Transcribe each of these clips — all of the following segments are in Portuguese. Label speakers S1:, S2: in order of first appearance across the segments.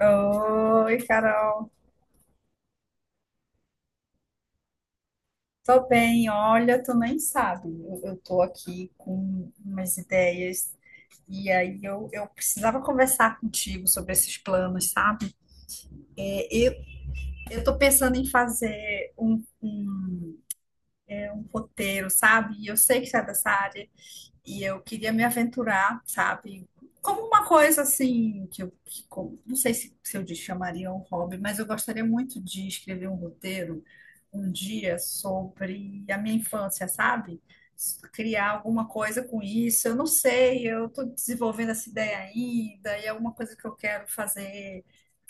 S1: Oi, Carol. Tô bem. Olha, tu nem sabe. Eu tô aqui com umas ideias e aí eu precisava conversar contigo sobre esses planos, sabe? É, eu, eu tô pensando em fazer um roteiro, sabe? E eu sei que você é dessa área. E eu queria me aventurar, sabe? Como uma coisa assim, que não sei se eu chamaria um hobby, mas eu gostaria muito de escrever um roteiro um dia sobre a minha infância, sabe? Criar alguma coisa com isso, eu não sei, eu estou desenvolvendo essa ideia ainda, e é uma coisa que eu quero fazer,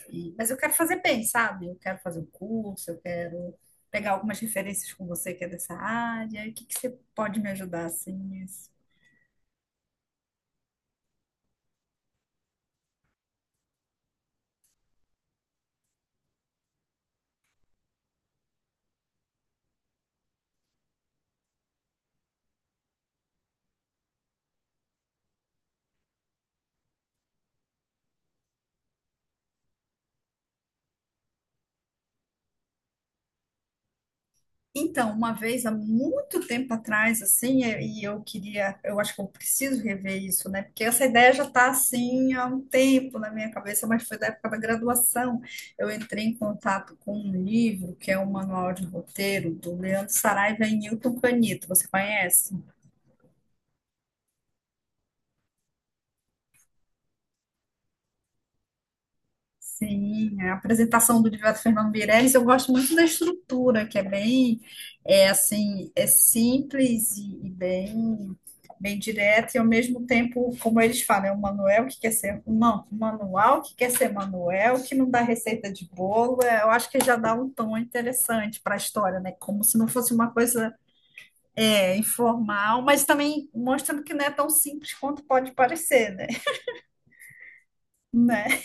S1: mas eu quero fazer bem, sabe? Eu quero fazer um curso, eu quero pegar algumas referências com você, que é dessa área. O que que você pode me ajudar assim? Então, uma vez há muito tempo atrás, assim, e eu queria, eu acho que eu preciso rever isso, né? Porque essa ideia já está assim há um tempo na minha cabeça, mas foi da época da graduação. Eu entrei em contato com um livro que é o Manual de Roteiro, do Leandro Saraiva e Newton Canito. Você conhece? Sim, a apresentação do Divaldo Fernando Meirelles. Eu gosto muito da estrutura, que é bem, é assim, é simples e bem, bem direta. E ao mesmo tempo, como eles falam, é um manual que quer ser um, não, um manual que quer ser manual, que não dá receita de bolo. É, eu acho que já dá um tom interessante para a história, né? Como se não fosse uma coisa é, informal, mas também mostrando que não é tão simples quanto pode parecer, né? Né?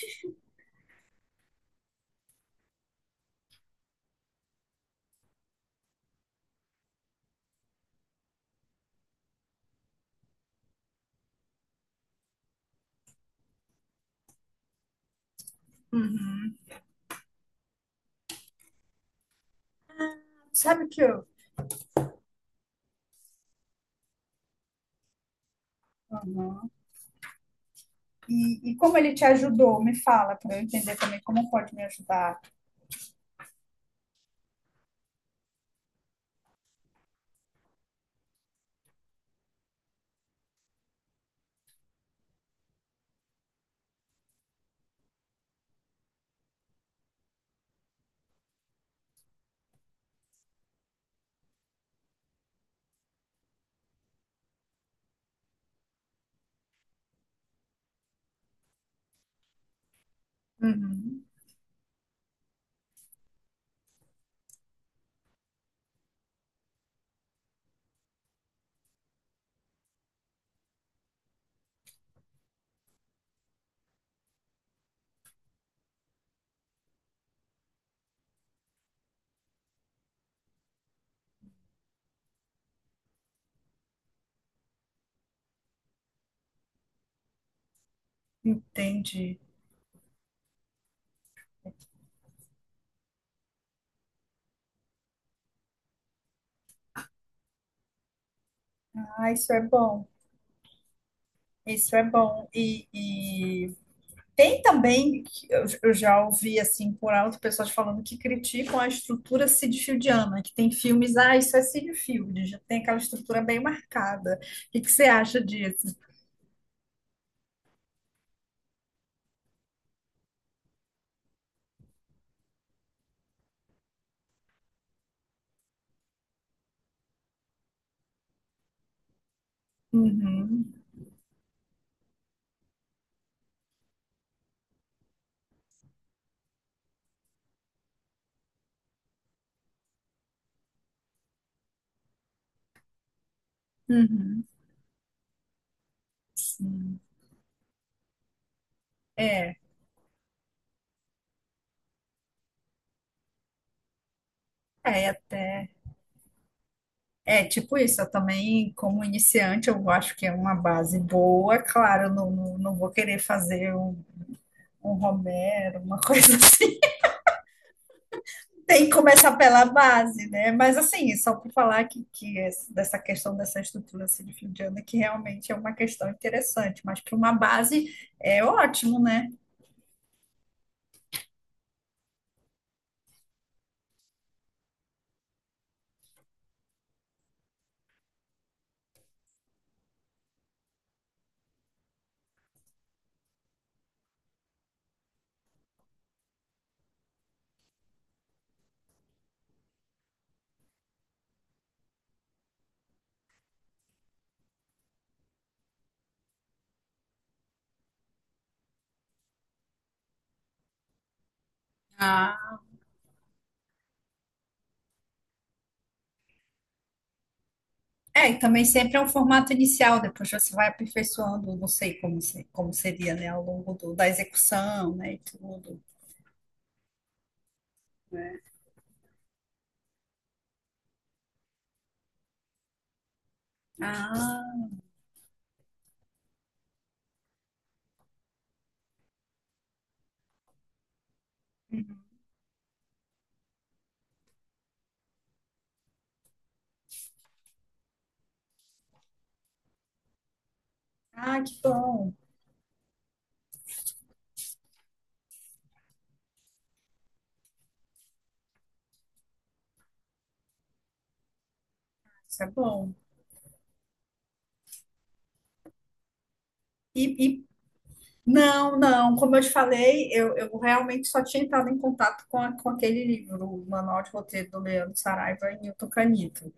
S1: Sabe o que eu. E como ele te ajudou? Me fala, para eu entender também como pode me ajudar. Uhum. Entendi. Ah, isso é bom, isso é bom. E tem também, que eu já ouvi assim por alto pessoas falando que criticam a estrutura sidfieldiana, que tem filmes, ah, isso é Sidfield, já tem aquela estrutura bem marcada. O que que você acha disso? Uhum. Uhum. Sim. É, é. É, tipo isso, eu também, como iniciante, eu acho que é uma base boa. Claro, eu não vou querer fazer um, um Romero, uma coisa assim. Tem que começar pela base, né? Mas assim, só para falar que dessa questão dessa estrutura assim, de fim de ano, que realmente é uma questão interessante, mas para uma base é ótimo, né? Ah. É, e também sempre é um formato inicial, depois você vai aperfeiçoando, não sei como, como seria, né, ao longo da execução, né, e tudo. Ah. Ah, que bom. Isso é bom. E, e- não, não, como eu te falei, eu realmente só tinha entrado em contato com, com aquele livro, o Manual de Roteiro, do Leandro Saraiva e Newton Canito.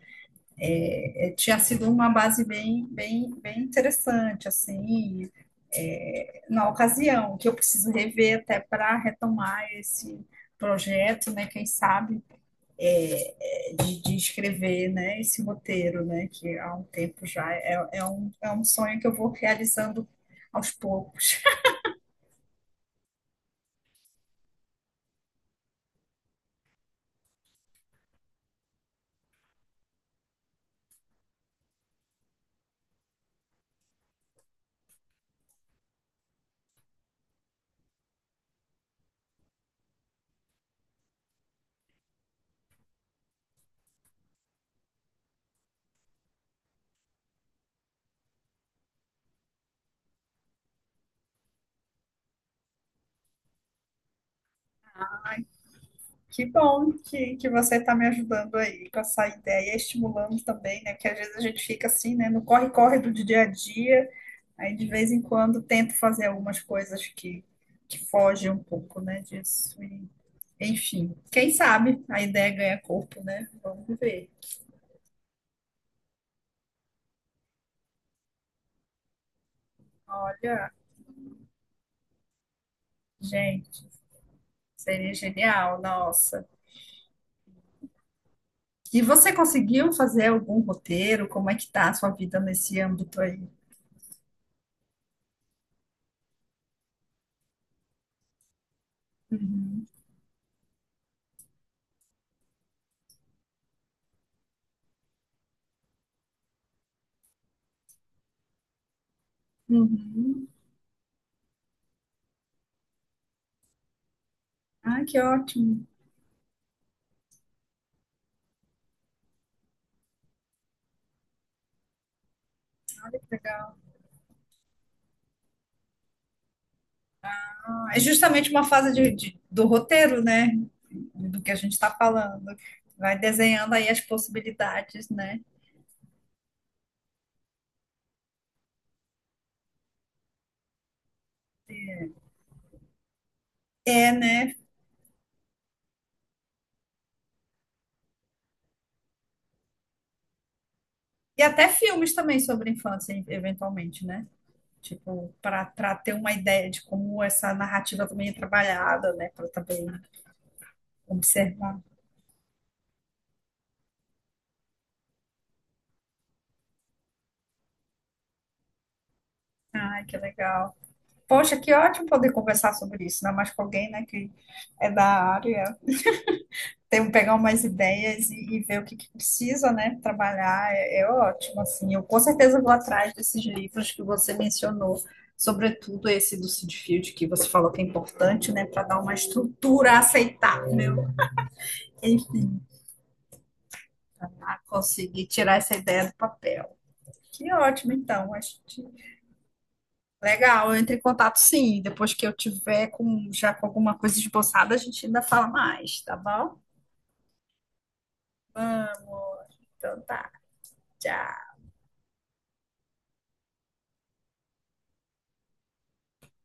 S1: É, é, tinha sido uma base bem, bem, bem interessante, assim, é, na ocasião, que eu preciso rever até para retomar esse projeto, né? Quem sabe, é, de escrever, né, esse roteiro, né, que há um tempo já é um sonho que eu vou realizando aos poucos. Que bom que você está me ajudando aí com essa ideia, estimulando também, né? Porque às vezes a gente fica assim, né? No corre-corre do dia a dia, aí de vez em quando tento fazer algumas coisas que fogem um pouco, né, disso. E, enfim, quem sabe a ideia ganha corpo, né? Vamos ver. Olha, gente. Seria genial, nossa. E você conseguiu fazer algum roteiro? Como é que tá a sua vida nesse âmbito aí? Uhum. Uhum. Ah, que ótimo. Legal. É justamente uma fase do roteiro, né? Do que a gente está falando. Vai desenhando aí as possibilidades, né? É, é, né? E até filmes também sobre infância, eventualmente, né? Tipo, para ter uma ideia de como essa narrativa também é trabalhada, né? Para também observar. Ai, que legal. Poxa, que ótimo poder conversar sobre isso, ainda mais com alguém, né, que é da área. Tem um pegar umas ideias e ver o que, que precisa, né, trabalhar. É, é ótimo, assim. Eu com certeza vou atrás desses livros que você mencionou, sobretudo esse do Sid Field, que você falou que é importante, né, para dar uma estrutura aceitável, enfim, a conseguir tirar essa ideia do papel. Que ótimo, então, acho que. Legal, eu entro em contato sim. Depois que eu tiver com, já com alguma coisa esboçada, a gente ainda fala mais, tá bom? Então tá, tchau.